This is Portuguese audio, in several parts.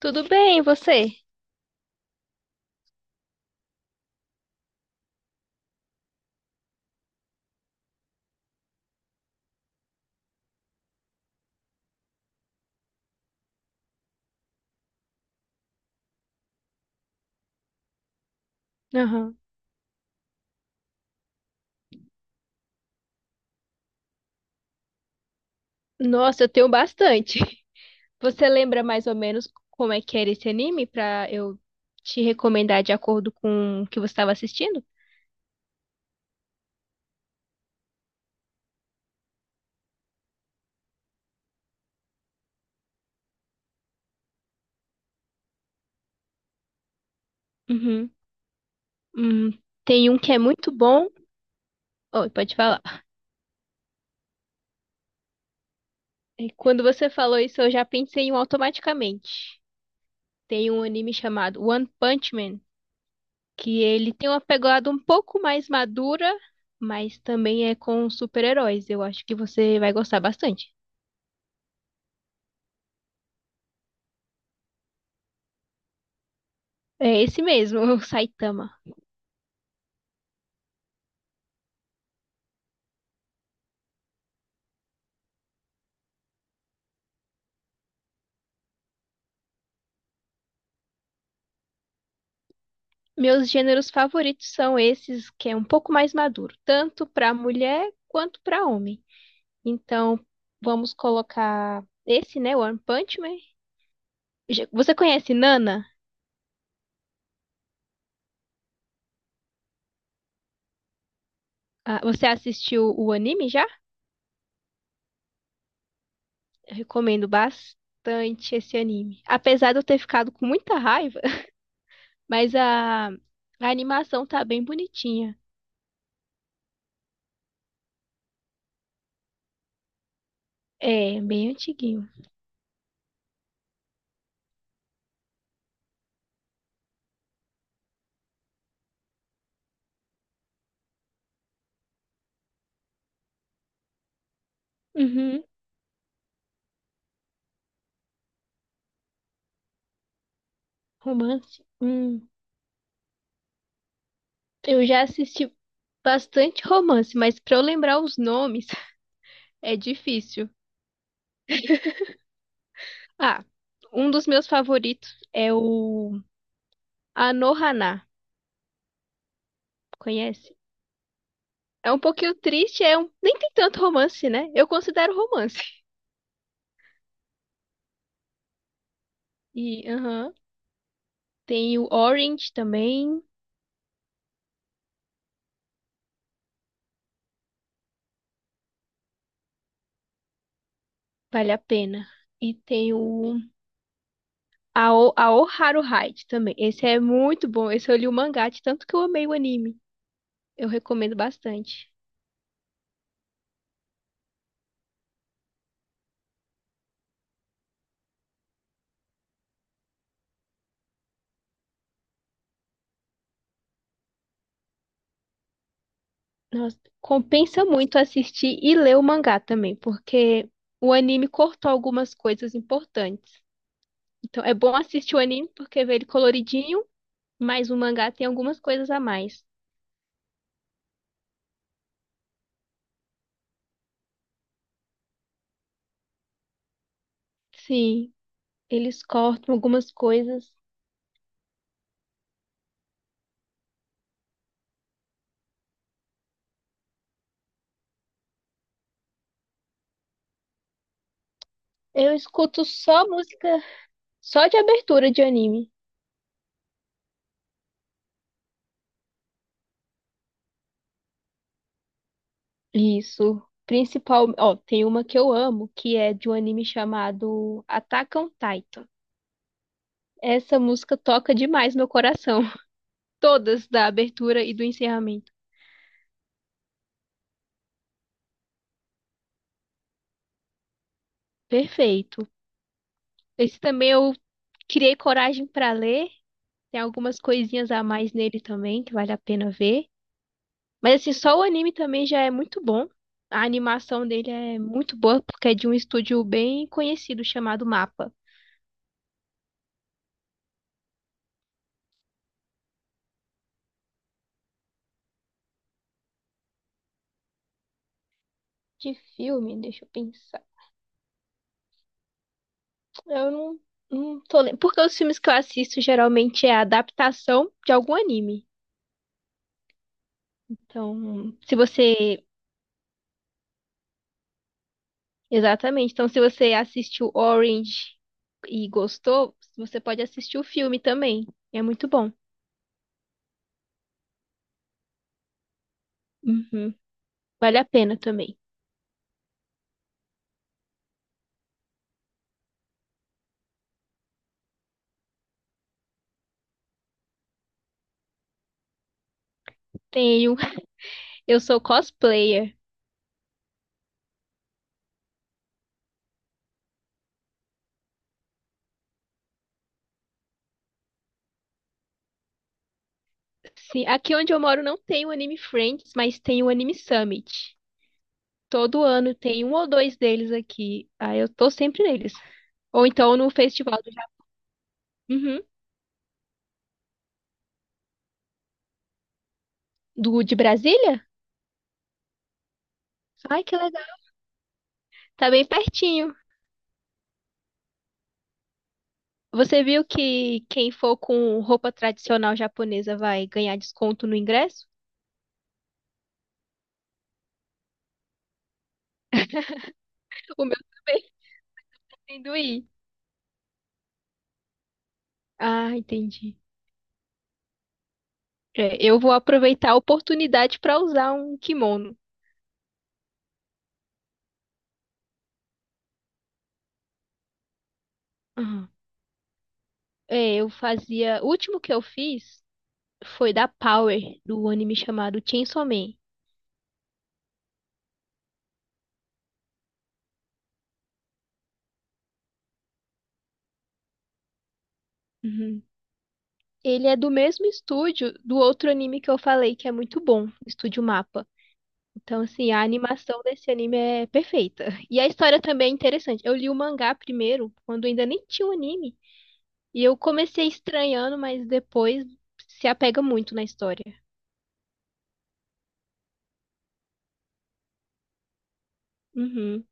Tudo bem, e você? Aham. Nossa, eu tenho bastante. Você lembra mais ou menos como é que era esse anime pra eu te recomendar de acordo com o que você estava assistindo? Uhum. Hum, tem um que é muito bom. Oi, pode falar. Quando você falou isso, eu já pensei em um automaticamente. Tem um anime chamado One Punch Man, que ele tem uma pegada um pouco mais madura, mas também é com super-heróis. Eu acho que você vai gostar bastante. É esse mesmo, o Saitama. Meus gêneros favoritos são esses que é um pouco mais maduro, tanto para mulher quanto para homem. Então, vamos colocar esse, né, One Punch Man. Você conhece Nana? Ah, você assistiu o anime já? Eu recomendo bastante esse anime. Apesar de eu ter ficado com muita raiva, mas a animação tá bem bonitinha. É, bem antiguinho. Uhum, romance. Eu já assisti bastante romance, mas para eu lembrar os nomes é difícil. Ah, um dos meus favoritos é o Anohana. Conhece? É um pouquinho triste, é um nem tem tanto romance, né? Eu considero romance. E aham, tem o Orange também, vale a pena. E tem o Aoharu Hide também. Esse é muito bom. Esse eu li o mangá, de tanto que eu amei o anime. Eu recomendo bastante. Nossa, compensa muito assistir e ler o mangá também, porque o anime cortou algumas coisas importantes. Então é bom assistir o anime porque vê ele coloridinho, mas o mangá tem algumas coisas a mais. Sim, eles cortam algumas coisas. Eu escuto só música, só de abertura de anime. Isso. Principal, ó, tem uma que eu amo, que é de um anime chamado Attack on Titan. Essa música toca demais meu coração. Todas da abertura e do encerramento. Perfeito. Esse também eu criei coragem pra ler. Tem algumas coisinhas a mais nele também que vale a pena ver. Mas assim, só o anime também já é muito bom. A animação dele é muito boa porque é de um estúdio bem conhecido chamado MAPA. De filme, deixa eu pensar. Eu não, tô lembrando. Porque os filmes que eu assisto geralmente é a adaptação de algum anime. Então, se você. Exatamente. Então, se você assistiu Orange e gostou, você pode assistir o filme também. É muito bom. Uhum. Vale a pena também. Tenho. Eu sou cosplayer. Sim, aqui onde eu moro não tem o Anime Friends, mas tem o Anime Summit. Todo ano tem um ou dois deles aqui. Aí eu tô sempre neles. Ou então no festival do, Uhum. do de Brasília? Ai, que legal. Tá bem pertinho. Você viu que quem for com roupa tradicional japonesa vai ganhar desconto no ingresso? O meu também, tendo ir. Ah, entendi. É, eu vou aproveitar a oportunidade para usar um kimono. Uhum. É, eu fazia. O último que eu fiz foi da Power, do anime chamado Chainsaw Man. Uhum. Ele é do mesmo estúdio do outro anime que eu falei, que é muito bom, Estúdio Mapa. Então, assim, a animação desse anime é perfeita. E a história também é interessante. Eu li o mangá primeiro, quando ainda nem tinha o anime. E eu comecei estranhando, mas depois se apega muito na história. Uhum.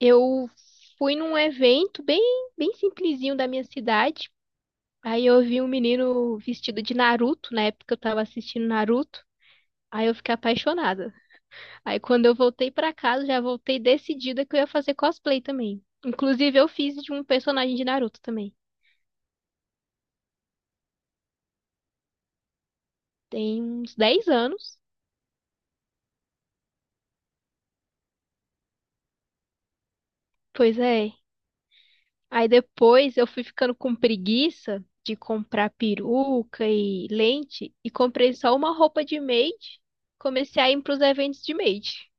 Eu fui num evento bem simplesinho da minha cidade. Aí eu vi um menino vestido de Naruto, na época eu tava assistindo Naruto. Aí eu fiquei apaixonada. Aí quando eu voltei pra casa, já voltei decidida que eu ia fazer cosplay também. Inclusive, eu fiz de um personagem de Naruto também. Tem uns 10 anos. Pois é. Aí depois eu fui ficando com preguiça de comprar peruca e lente e comprei só uma roupa de maid. Comecei a ir pros eventos de maid.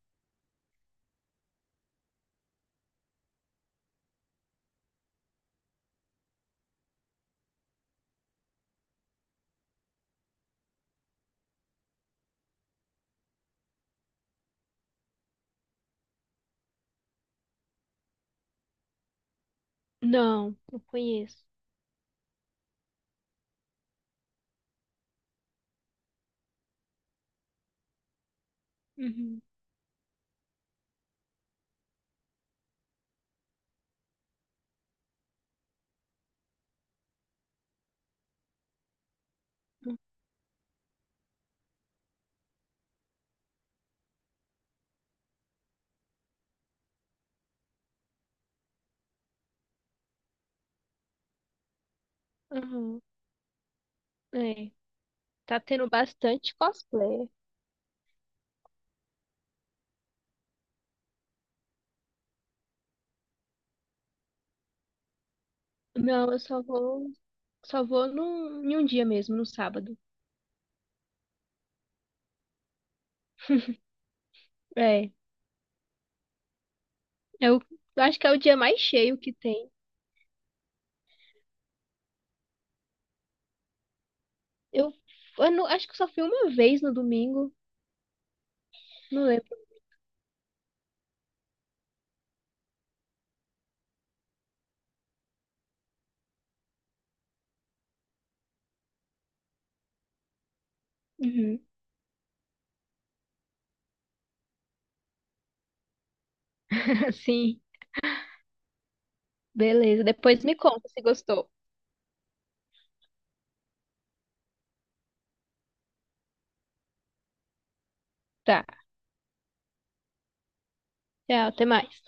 Não, não conheço. Uhum. Uhum. É. Tá tendo bastante cosplay. Não, eu só vou. Em um dia mesmo, no sábado. É, eu acho que é o dia mais cheio que tem. Eu, eu não- Acho que só fui uma vez no domingo, não lembro. Uhum. Sim, beleza. Depois me conta se gostou. Tá, tchau, até mais.